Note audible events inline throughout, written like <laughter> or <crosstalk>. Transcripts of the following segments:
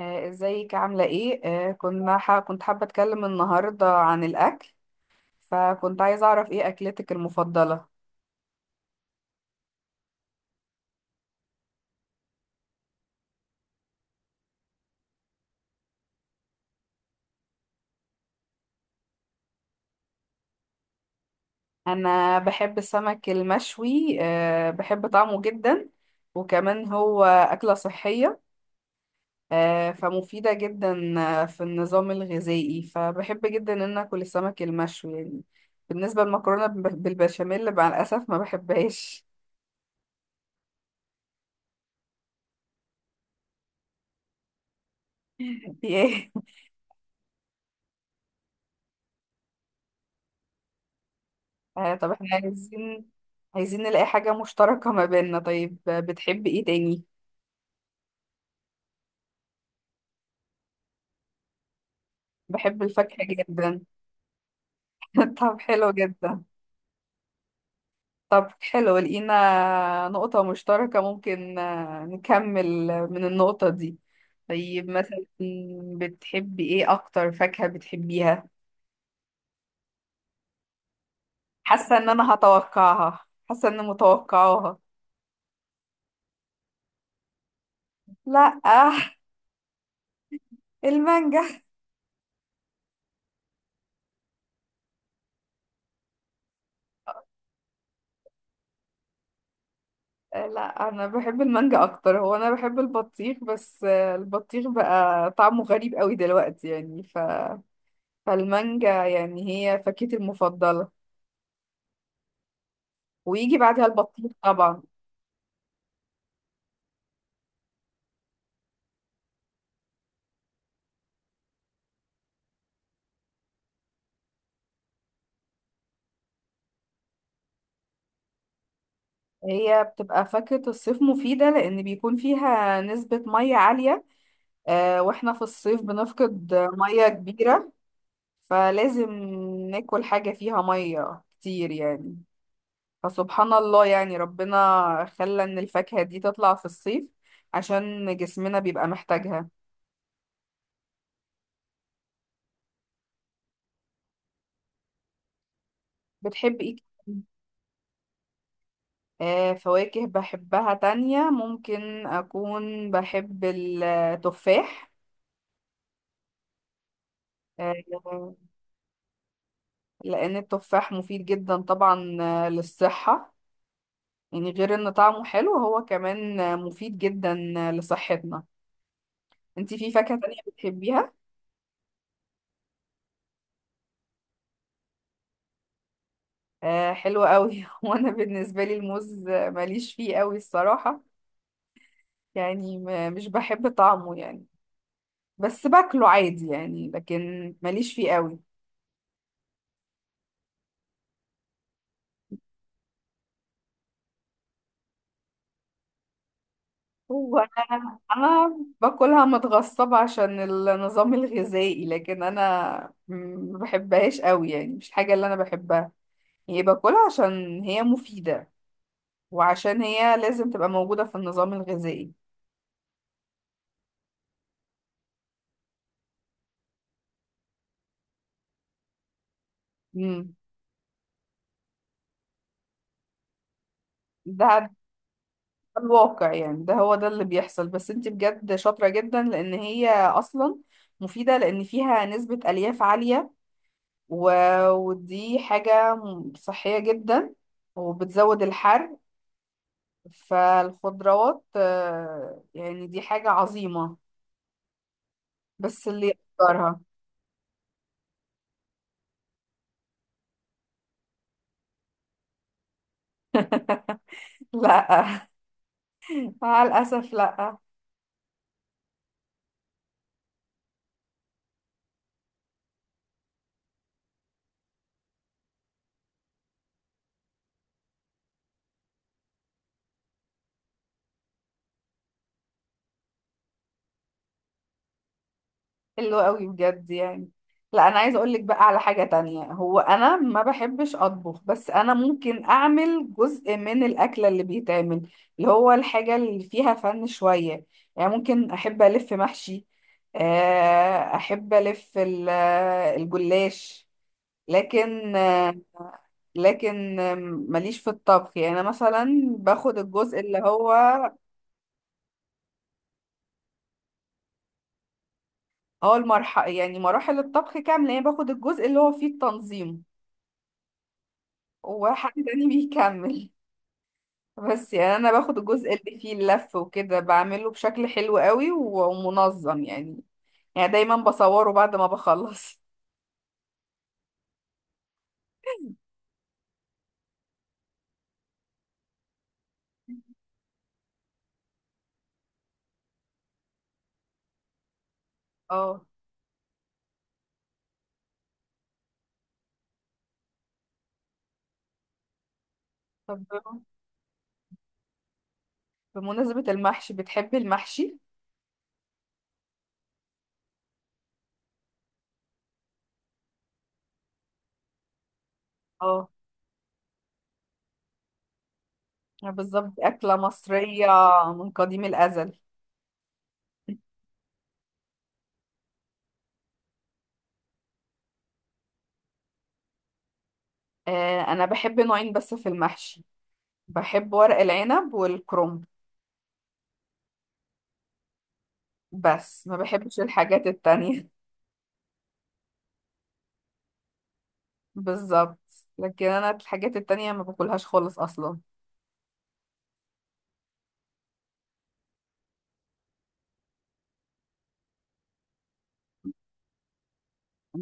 ازيك عاملة ايه؟ كنت حابة اتكلم النهاردة عن الاكل. فكنت عايزة اعرف ايه اكلتك المفضلة؟ انا بحب السمك المشوي، بحب طعمه جدا. وكمان هو أكلة صحية، فمفيدة جدا في النظام الغذائي، فبحب جدا ان اكل السمك المشوي يعني. بالنسبة للمكرونة بالبشاميل مع الأسف ما بحبهاش. <laughs> إنتي ايه؟ طب احنا عايزين نلاقي حاجة مشتركة ما بيننا. طيب، بتحب ايه تاني؟ بحب الفاكهة جدا. <laughs> طب حلو جدا. طب حلو، لقينا نقطة مشتركة، ممكن نكمل من النقطة دي. طيب، مثلا بتحبي ايه؟ أكتر فاكهة بتحبيها؟ حاسة ان انا هتوقعها، حاسة ان متوقعاها. لا. المانجا. لا، انا بحب المانجا اكتر. هو انا بحب البطيخ، بس البطيخ بقى طعمه غريب قوي دلوقتي يعني، فالمانجا يعني هي فاكهتي المفضلة، ويجي بعدها البطيخ طبعا. هي بتبقى فاكهة الصيف مفيدة، لأن بيكون فيها نسبة مية عالية، واحنا في الصيف بنفقد مية كبيرة، فلازم ناكل حاجة فيها مية كتير يعني. فسبحان الله، يعني ربنا خلى ان الفاكهة دي تطلع في الصيف عشان جسمنا بيبقى محتاجها. بتحب ايه كمان؟ آه، فواكه بحبها تانية، ممكن اكون بحب التفاح. آه. لان التفاح مفيد جدا طبعا، للصحة، يعني غير ان طعمه حلو، هو كمان مفيد جدا لصحتنا. انتي في فاكهة تانية بتحبيها؟ آه، حلوة قوي. <laughs> وانا بالنسبة لي الموز، ماليش فيه قوي الصراحة. يعني ما مش بحب طعمه يعني، بس باكله عادي يعني، لكن ماليش فيه قوي. هو انا باكلها متغصبة عشان النظام الغذائي، لكن انا ما بحبهاش قوي، يعني مش الحاجة اللي انا بحبها. هي باكلها عشان هي مفيدة، وعشان هي لازم تبقى موجودة في النظام الغذائي. امم. ده الواقع، يعني ده هو ده اللي بيحصل. بس انت بجد شاطرة جدا، لان هي اصلا مفيدة، لان فيها نسبة الياف عالية، و... ودي حاجة صحية جدا وبتزود الحرق. فالخضروات، يعني دي حاجة عظيمة، بس اللي يقدرها. <laughs> لا، مع الأسف لا. حلو قوي بجد يعني. لا، انا عايزه اقول لك بقى على حاجه تانية. هو انا ما بحبش اطبخ، بس انا ممكن اعمل جزء من الاكله اللي بيتعمل، اللي هو الحاجه اللي فيها فن شويه. يعني ممكن احب الف محشي، احب الف الجلاش. لكن آه، لكن ماليش في الطبخ يعني. انا مثلا باخد الجزء اللي هو، هو المرحله، يعني مراحل الطبخ كامله، يعني باخد الجزء اللي هو فيه التنظيم، وحد تاني بيكمل. بس يعني انا باخد الجزء اللي فيه اللف وكده، بعمله بشكل حلو قوي و- ومنظم يعني. يعني دايما بصوره بعد ما بخلص. اه، طب بمناسبة المحشي، بتحبي المحشي؟ اه، بالظبط أكلة مصرية من قديم الأزل. آه، أنا بحب نوعين بس في المحشي، بحب ورق العنب والكرنب، بس ما بحبش الحاجات التانية. <laughs> بالظبط. لكن أنا الحاجات التانية ما باكلهاش خالص أصلا.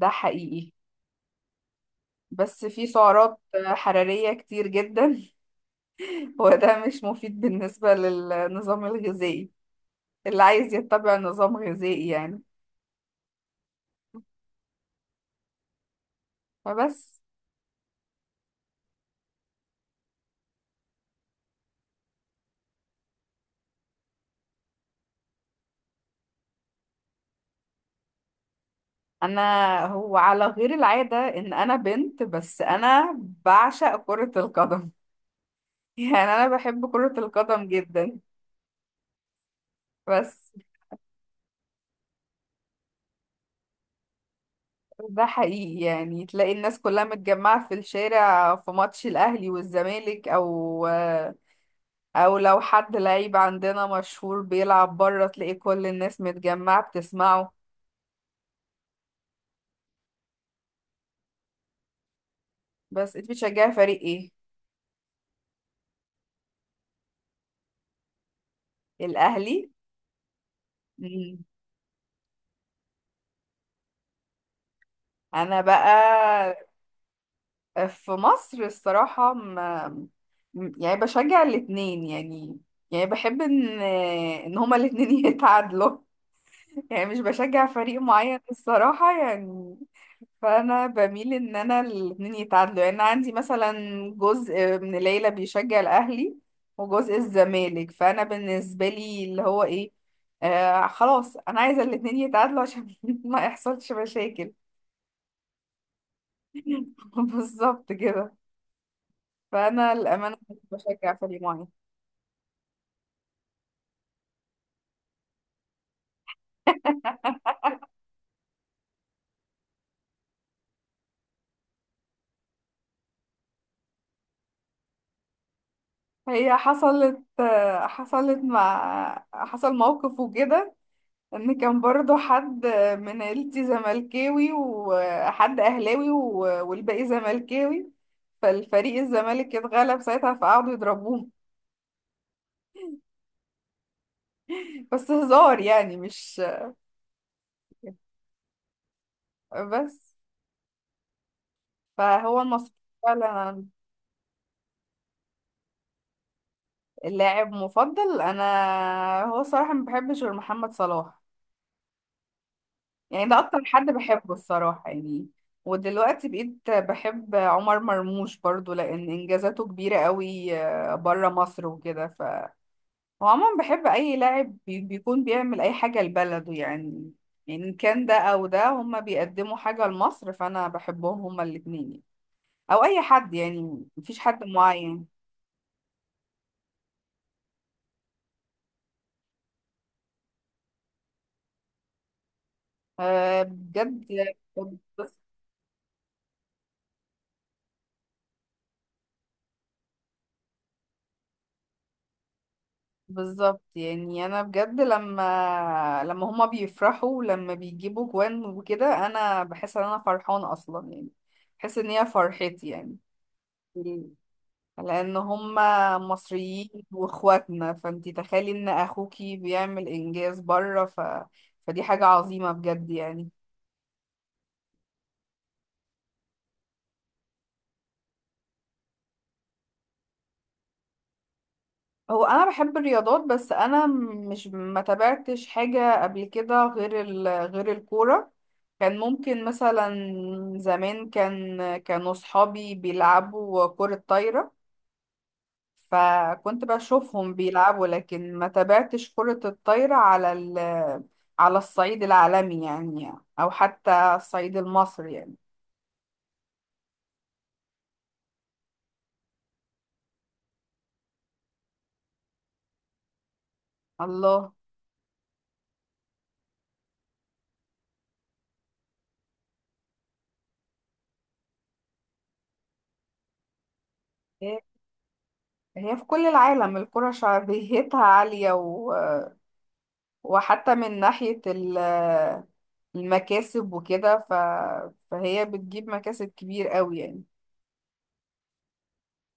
ده حقيقي، بس في سعرات حرارية كتير جدا. <laughs> وده مش مفيد بالنسبة للنظام الغذائي، اللي عايز يتبع نظام غذائي يعني. فبس. أنا هو على غير العادة إن أنا بنت، بس أنا بعشق كرة القدم. <laughs> يعني أنا بحب كرة القدم جدا. بس ده حقيقي، يعني تلاقي الناس كلها متجمعة في الشارع في ماتش الأهلي والزمالك، او لو حد لعيب عندنا مشهور بيلعب بره، تلاقي كل الناس متجمعة بتسمعه. بس انت بتشجعي فريق ايه؟ الاهلي. مم. انا بقى في مصر الصراحة، ما م- يعني بشجع الاتنين يعني. يعني بحب ان هما الاتنين <laughs> يتعادلوا. يعني مش بشجع فريق معين الصراحة يعني. فأنا بميل إن أنا الاتنين يتعادلوا. يعني أنا عندي مثلا جزء من العيلة بيشجع الأهلي، وجزء الزمالك، فأنا بالنسبة لي اللي هو إيه، خلاص أنا عايزة الاتنين يتعادلوا عشان <laughs> ما يحصلش مشاكل. <laughs> بالظبط كده. فأنا الأمانة مش بشجع فريق معين. هي حصلت آه، حصلت مع حصل موقف وكده، ان كان برضو حد من عيلتي زملكاوي وحد اهلاوي و- والباقي زملكاوي. فالفريق الزمالك اتغلب ساعتها، فقعدوا يضربوه <laughs> بس هزار يعني، مش بس. فهو المصري فعلا. اللاعب مفضل انا، هو صراحة ما بحبش غير محمد صلاح، يعني ده اكتر حد بحبه الصراحة يعني. ودلوقتي بقيت بحب عمر مرموش برضو، لان انجازاته كبيرة قوي بره مصر وكده. هو عموما بحب اي لاعب بيكون بيعمل اي حاجه لبلده يعني. يعني ان كان ده او ده، هما بيقدموا حاجه لمصر، فانا بحبهم هما الاتنين يعني. او اي حد، يعني مفيش حد معين. أه، بجد. بس- بالظبط يعني. انا بجد، لما هما بيفرحوا ولما بيجيبوا جوان وكده، انا بحس ان انا فرحانه اصلا يعني. بحس ان هي فرحتي، يعني لان هم مصريين واخواتنا، فانتي تخيلي ان اخوكي بيعمل انجاز بره، فدي حاجة عظيمة بجد يعني. هو انا بحب الرياضات، بس انا مش ما تابعتش حاجة قبل كده غير غير الكورة. كان ممكن مثلا زمان كانوا صحابي بيلعبوا كرة طايرة، فكنت بشوفهم بيلعبوا، لكن ما تابعتش كرة الطايرة على الصعيد العالمي يعني، أو حتى الصعيد المصري يعني. الله. هي هي في كل العالم الكرة شعبيتها <laughs> عالية، وحتى من ناحية المكاسب وكده، فهي بتجيب مكاسب كبير قوي يعني،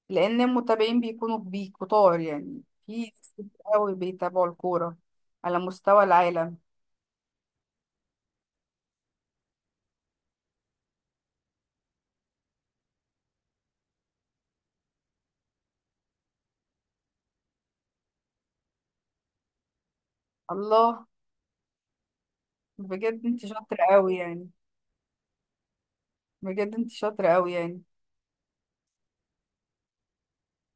لأن المتابعين بيكونوا كتار يعني، في ناس كتير قوي بيتابعوا الكورة على مستوى العالم. الله. بجد انت شاطرة قوي يعني. بجد انت شاطرة قوي يعني.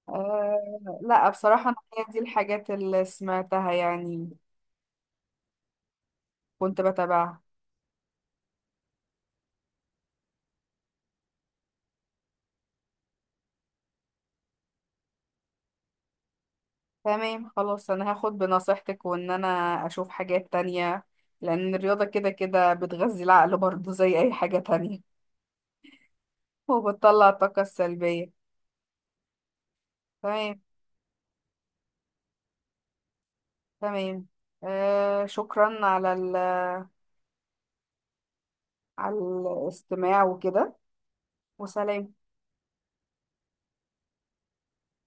آه لا، بصراحة انا هي دي الحاجات اللي سمعتها يعني، كنت بتابعها. تمام، خلاص، انا هاخد بنصيحتك وان انا اشوف حاجات تانية، لان الرياضة كده كده بتغذي العقل برضه زي اي حاجة تانية، وبتطلع الطاقة السلبية. تمام. تمام. شكرا على على الاستماع وكده، وسلام.